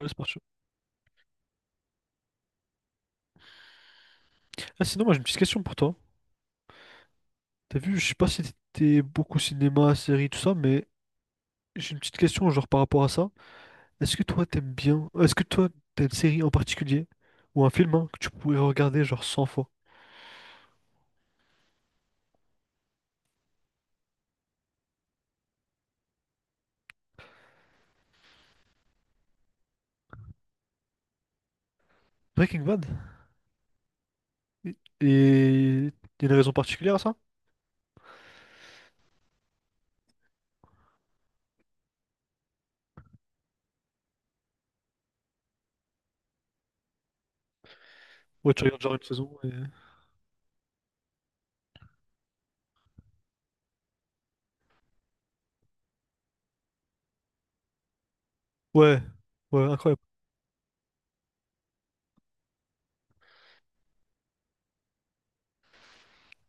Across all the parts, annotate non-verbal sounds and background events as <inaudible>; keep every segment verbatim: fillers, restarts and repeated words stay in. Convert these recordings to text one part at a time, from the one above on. Ouais, c'est parti. Ah, sinon, moi j'ai une petite question pour toi. T'as vu, je sais pas si t'étais beaucoup cinéma, série, tout ça, mais j'ai une petite question genre par rapport à ça. Est-ce que toi t'aimes bien, est-ce que toi t'as une série en particulier ou un film hein, que tu pourrais regarder genre cent fois? Breaking Bad? Et et y a une raison particulière à ça? Ouais, tu regardes genre une saison et... Ouais, ouais, incroyable.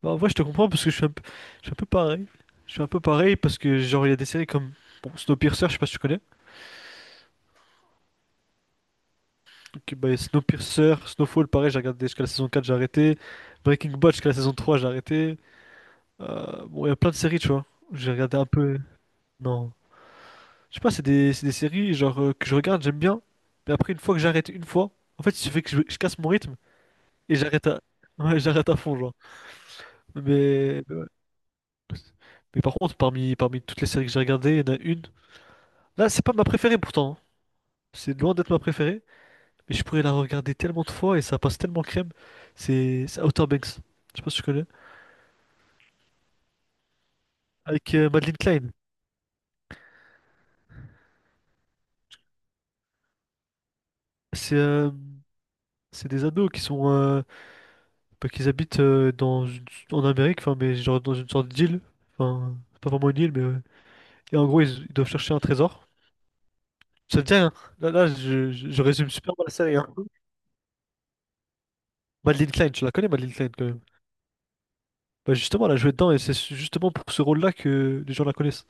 Bah, en vrai, je te comprends parce que je suis un peu, je suis un peu pareil. Je suis un peu pareil parce que genre il y a des séries comme bon, Snowpiercer, je sais pas si tu connais. Ok, bah, et Snowpiercer, Snowfall, pareil, j'ai regardé jusqu'à la saison quatre, j'ai arrêté. Breaking Bad jusqu'à la saison trois, j'ai arrêté. Euh, bon, il y a plein de séries, tu vois. J'ai regardé un peu. Non. Je sais pas, c'est des, c'est des séries genre euh, que je regarde, j'aime bien. Mais après, une fois que j'arrête une fois, en fait, il fait que je, je casse mon rythme et j'arrête à... <laughs> ouais, j'arrête à fond, genre. Mais, mais ouais. Mais par contre, parmi, parmi toutes les séries que j'ai regardées, il y en a une. Là, c'est pas ma préférée pourtant, hein. C'est loin d'être ma préférée. Mais je pourrais la regarder tellement de fois et ça passe tellement crème. C'est c'est Outer Banks. Je sais pas si tu connais. Avec euh, Madeleine Klein. C'est euh, c'est des ados qui sont euh, bah, qu'ils habitent euh, dans une... en Amérique, enfin mais genre dans une sorte d'île, enfin c'est pas vraiment une île mais ouais. Et en gros ils, ils doivent chercher un trésor. Ça te dit rien. Là, là je, je- je résume super mal la série, hein. Madeleine Klein, tu la connais Madeleine Klein quand même. Bah justement elle a joué dedans et c'est justement pour ce rôle-là que les gens la connaissent.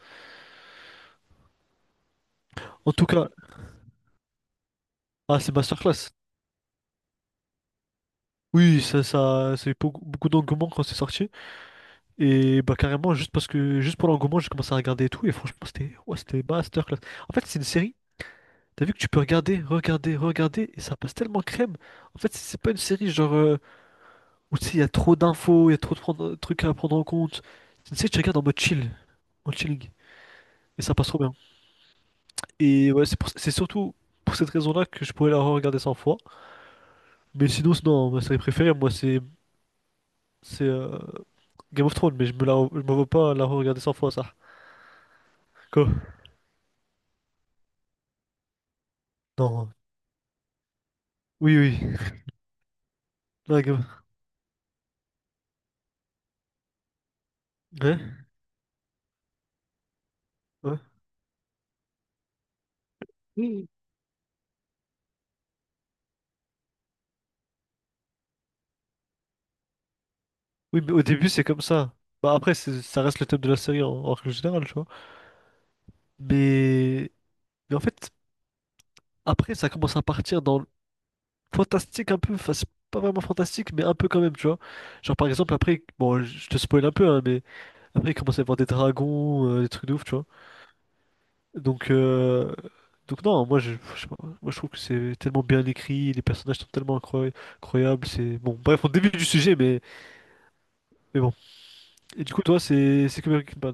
En tout cas, ah c'est masterclass. Oui, ça ça, ça a eu beaucoup beaucoup d'engouement quand c'est sorti. Et bah carrément juste parce que juste pour l'engouement j'ai commencé à regarder et tout et franchement c'était ouais, c'était masterclass. En fait c'est une série, t'as vu que tu peux regarder, regarder, regarder et ça passe tellement crème. En fait c'est c'est pas une série genre euh, où tu sais il y a trop d'infos, il y a trop de prendre- trucs à prendre en compte. C'est une série que tu regardes en mode chill, en chilling et ça passe trop bien. Et ouais c'est pour- c'est surtout pour cette raison-là que je pourrais la regarder cent fois. Mais sinon sinon hein, ma série préférée moi c'est c'est euh, Game of Thrones mais je me la je me vois pas la regarder cent fois ça. Quoi? Non. Oui oui. Non, Game- Ouais, ouais. Mm. Oui, mais au début, c'est comme ça. Bah, après, c'est... ça reste le thème de la série en, en règle générale, tu vois. Mais, mais en fait, après, ça commence à partir dans le fantastique un peu. Enfin, c'est pas vraiment fantastique, mais un peu quand même, tu vois. Genre, par exemple, après, bon, je te spoil un peu, hein, mais après, il commence à y avoir des dragons, euh, des trucs de ouf, tu vois. Donc, euh, donc non, moi, je, je sais pas, moi, je trouve que c'est tellement bien écrit, les personnages sont tellement incroy- incroyables. C'est bon, bref, on débute du sujet, mais, mais bon. Et du coup, toi, c'est c'est Kubrick Kidman.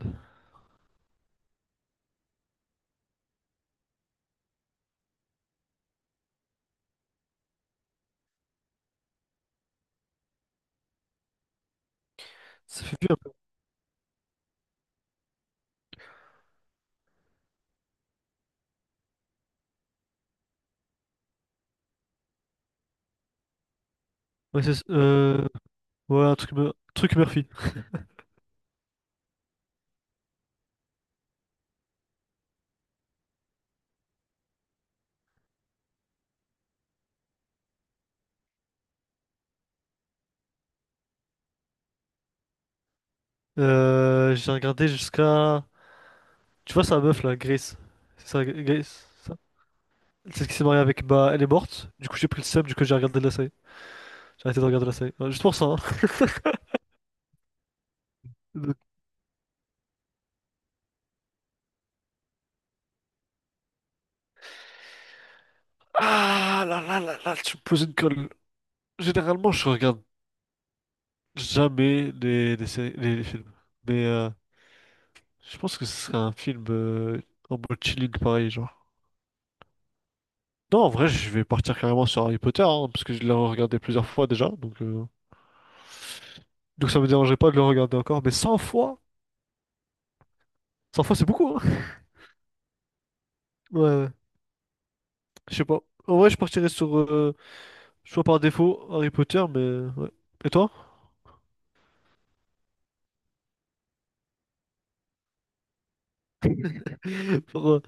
Ça fait vieux un peu. Ouais, c'est, euh, ouais, un truc, Mur- truc Murphy. Euh, j'ai regardé jusqu'à. Tu vois, sa meuf là, Grace. C'est ça, G- Grace, ça. C'est ce qui s'est marié avec. Bah, elle est morte. Du coup, j'ai pris le seum, du coup, j'ai regardé la série. J'ai arrêté de regarder la série. Ouais, juste pour ça, hein. Donc... Ah là là là là, tu me poses une colle. Généralement, je regarde jamais les, les séries, les, les films. Mais euh, je pense que ce serait un film euh, en mode chilling pareil, genre. Non, en vrai, je vais partir carrément sur Harry Potter, hein, parce que je l'ai regardé plusieurs fois déjà, donc, euh, donc ça me dérangerait pas de le regarder encore, mais cent fois, cent fois c'est beaucoup, hein. Ouais, ouais, je sais pas. En vrai, je partirais sur, euh, choix par défaut, Harry Potter, mais ouais. Et toi? Sur, euh,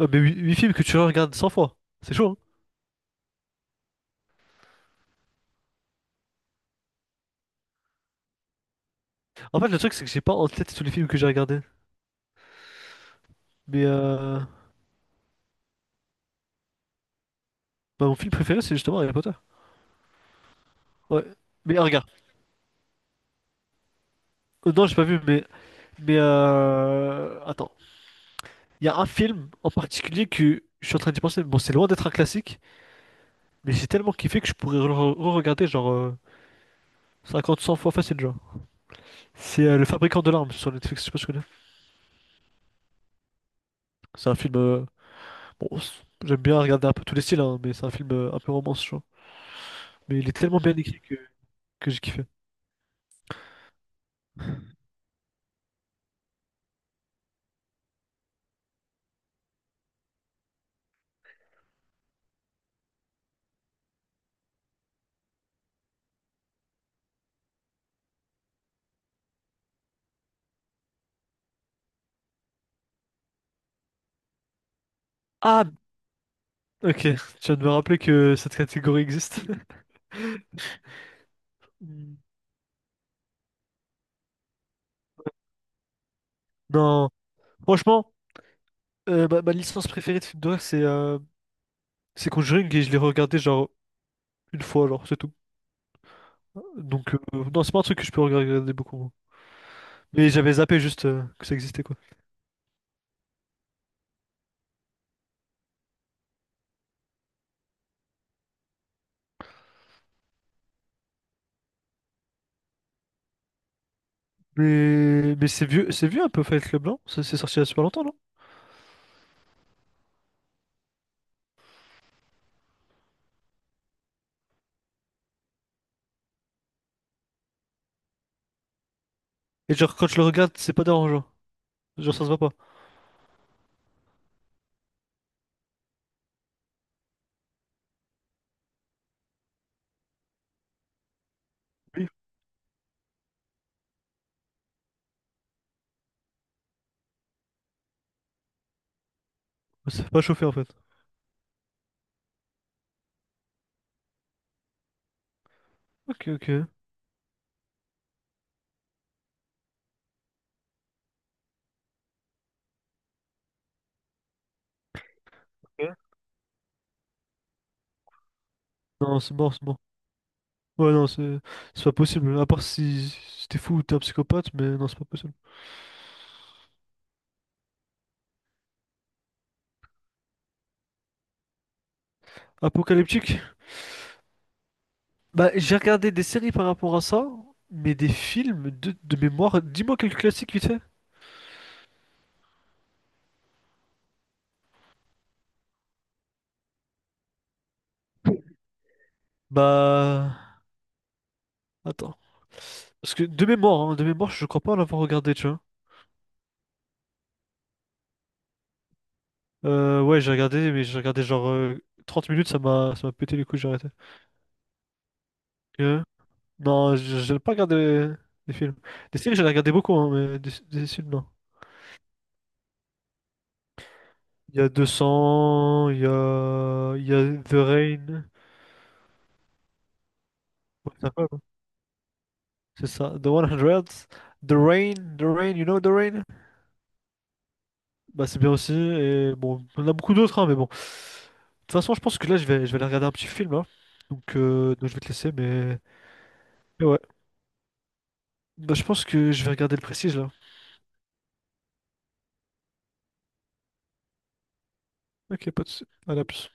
ouais, mais huit films que tu regardes cent fois, c'est chaud, hein. En fait, le truc, c'est que j'ai pas en tête tous les films que j'ai regardés. Mais euh, bah, mon film préféré, c'est justement Harry Potter. Ouais. Mais euh, regarde, Euh, non, j'ai pas vu, mais, mais euh, attends. Il y a un film en particulier que je suis en train d'y penser. Bon, c'est loin d'être un classique, mais j'ai tellement kiffé que je pourrais le re- re-regarder genre euh, cinquante, cent fois facile, genre. C'est euh, Le Fabricant de larmes sur Netflix, je sais pas si tu connais. C'est un film, euh, bon, c- j'aime bien regarder un peu tous les styles, hein, mais c'est un film euh, un peu romance, genre. Mais il est tellement bien écrit que, que j'ai kiffé. Ah, ok, tu viens de me rappeler que cette catégorie existe. <laughs> Hmm. Non, franchement, euh, ma, ma licence préférée de film d'horreur, c'est euh, c'est Conjuring et je l'ai regardé genre une fois, genre, c'est tout. Donc, euh, non, c'est pas un truc que je peux regarder beaucoup, moi. Mais j'avais zappé juste euh, que ça existait, quoi. Mais, mais c'est vieux, c'est vieux un peu Fight Club, non? Ça c'est sorti il y a super longtemps, non? Et genre, quand je le regarde, c'est pas dérangeant. Genre, ça se voit pas. Oui. Ça fait pas chauffer en fait. Ok, ok. Ok. Non, c'est mort, c'est mort. Ouais, non, c'est c'est pas possible. À part si, si t'es fou ou t'es un psychopathe, mais non, c'est pas possible. Apocalyptique? Bah, j'ai regardé des séries par rapport à ça, mais des films de, de mémoire. Dis-moi quelques classiques vite fait. Bah, attends. Parce que de mémoire, hein, de mémoire, je crois pas l'avoir regardé, tu vois. Euh, ouais, j'ai regardé, mais j'ai regardé genre euh, trente minutes, ça m'a ça m'a pété les couilles, j'ai arrêté. Non, je je n'ai pas regardé des films. Des séries, j'en ai regardé beaucoup, hein, mais des, des films, non. Il y a deux cents, il y a, il y a The Rain. Ouais, c'est incroyable, hein. C'est ça, The cent, The Rain, The Rain, you know The Rain? Bah, c'est bien aussi, et bon, on en a beaucoup d'autres, hein, mais bon. De toute façon, je pense que là, je vais, je vais aller regarder un petit film, hein. Donc, euh, donc, je vais te laisser, mais... mais ouais. Bah, je pense que je vais regarder le prestige, là. Ok, pas de soucis. Allez, à plus.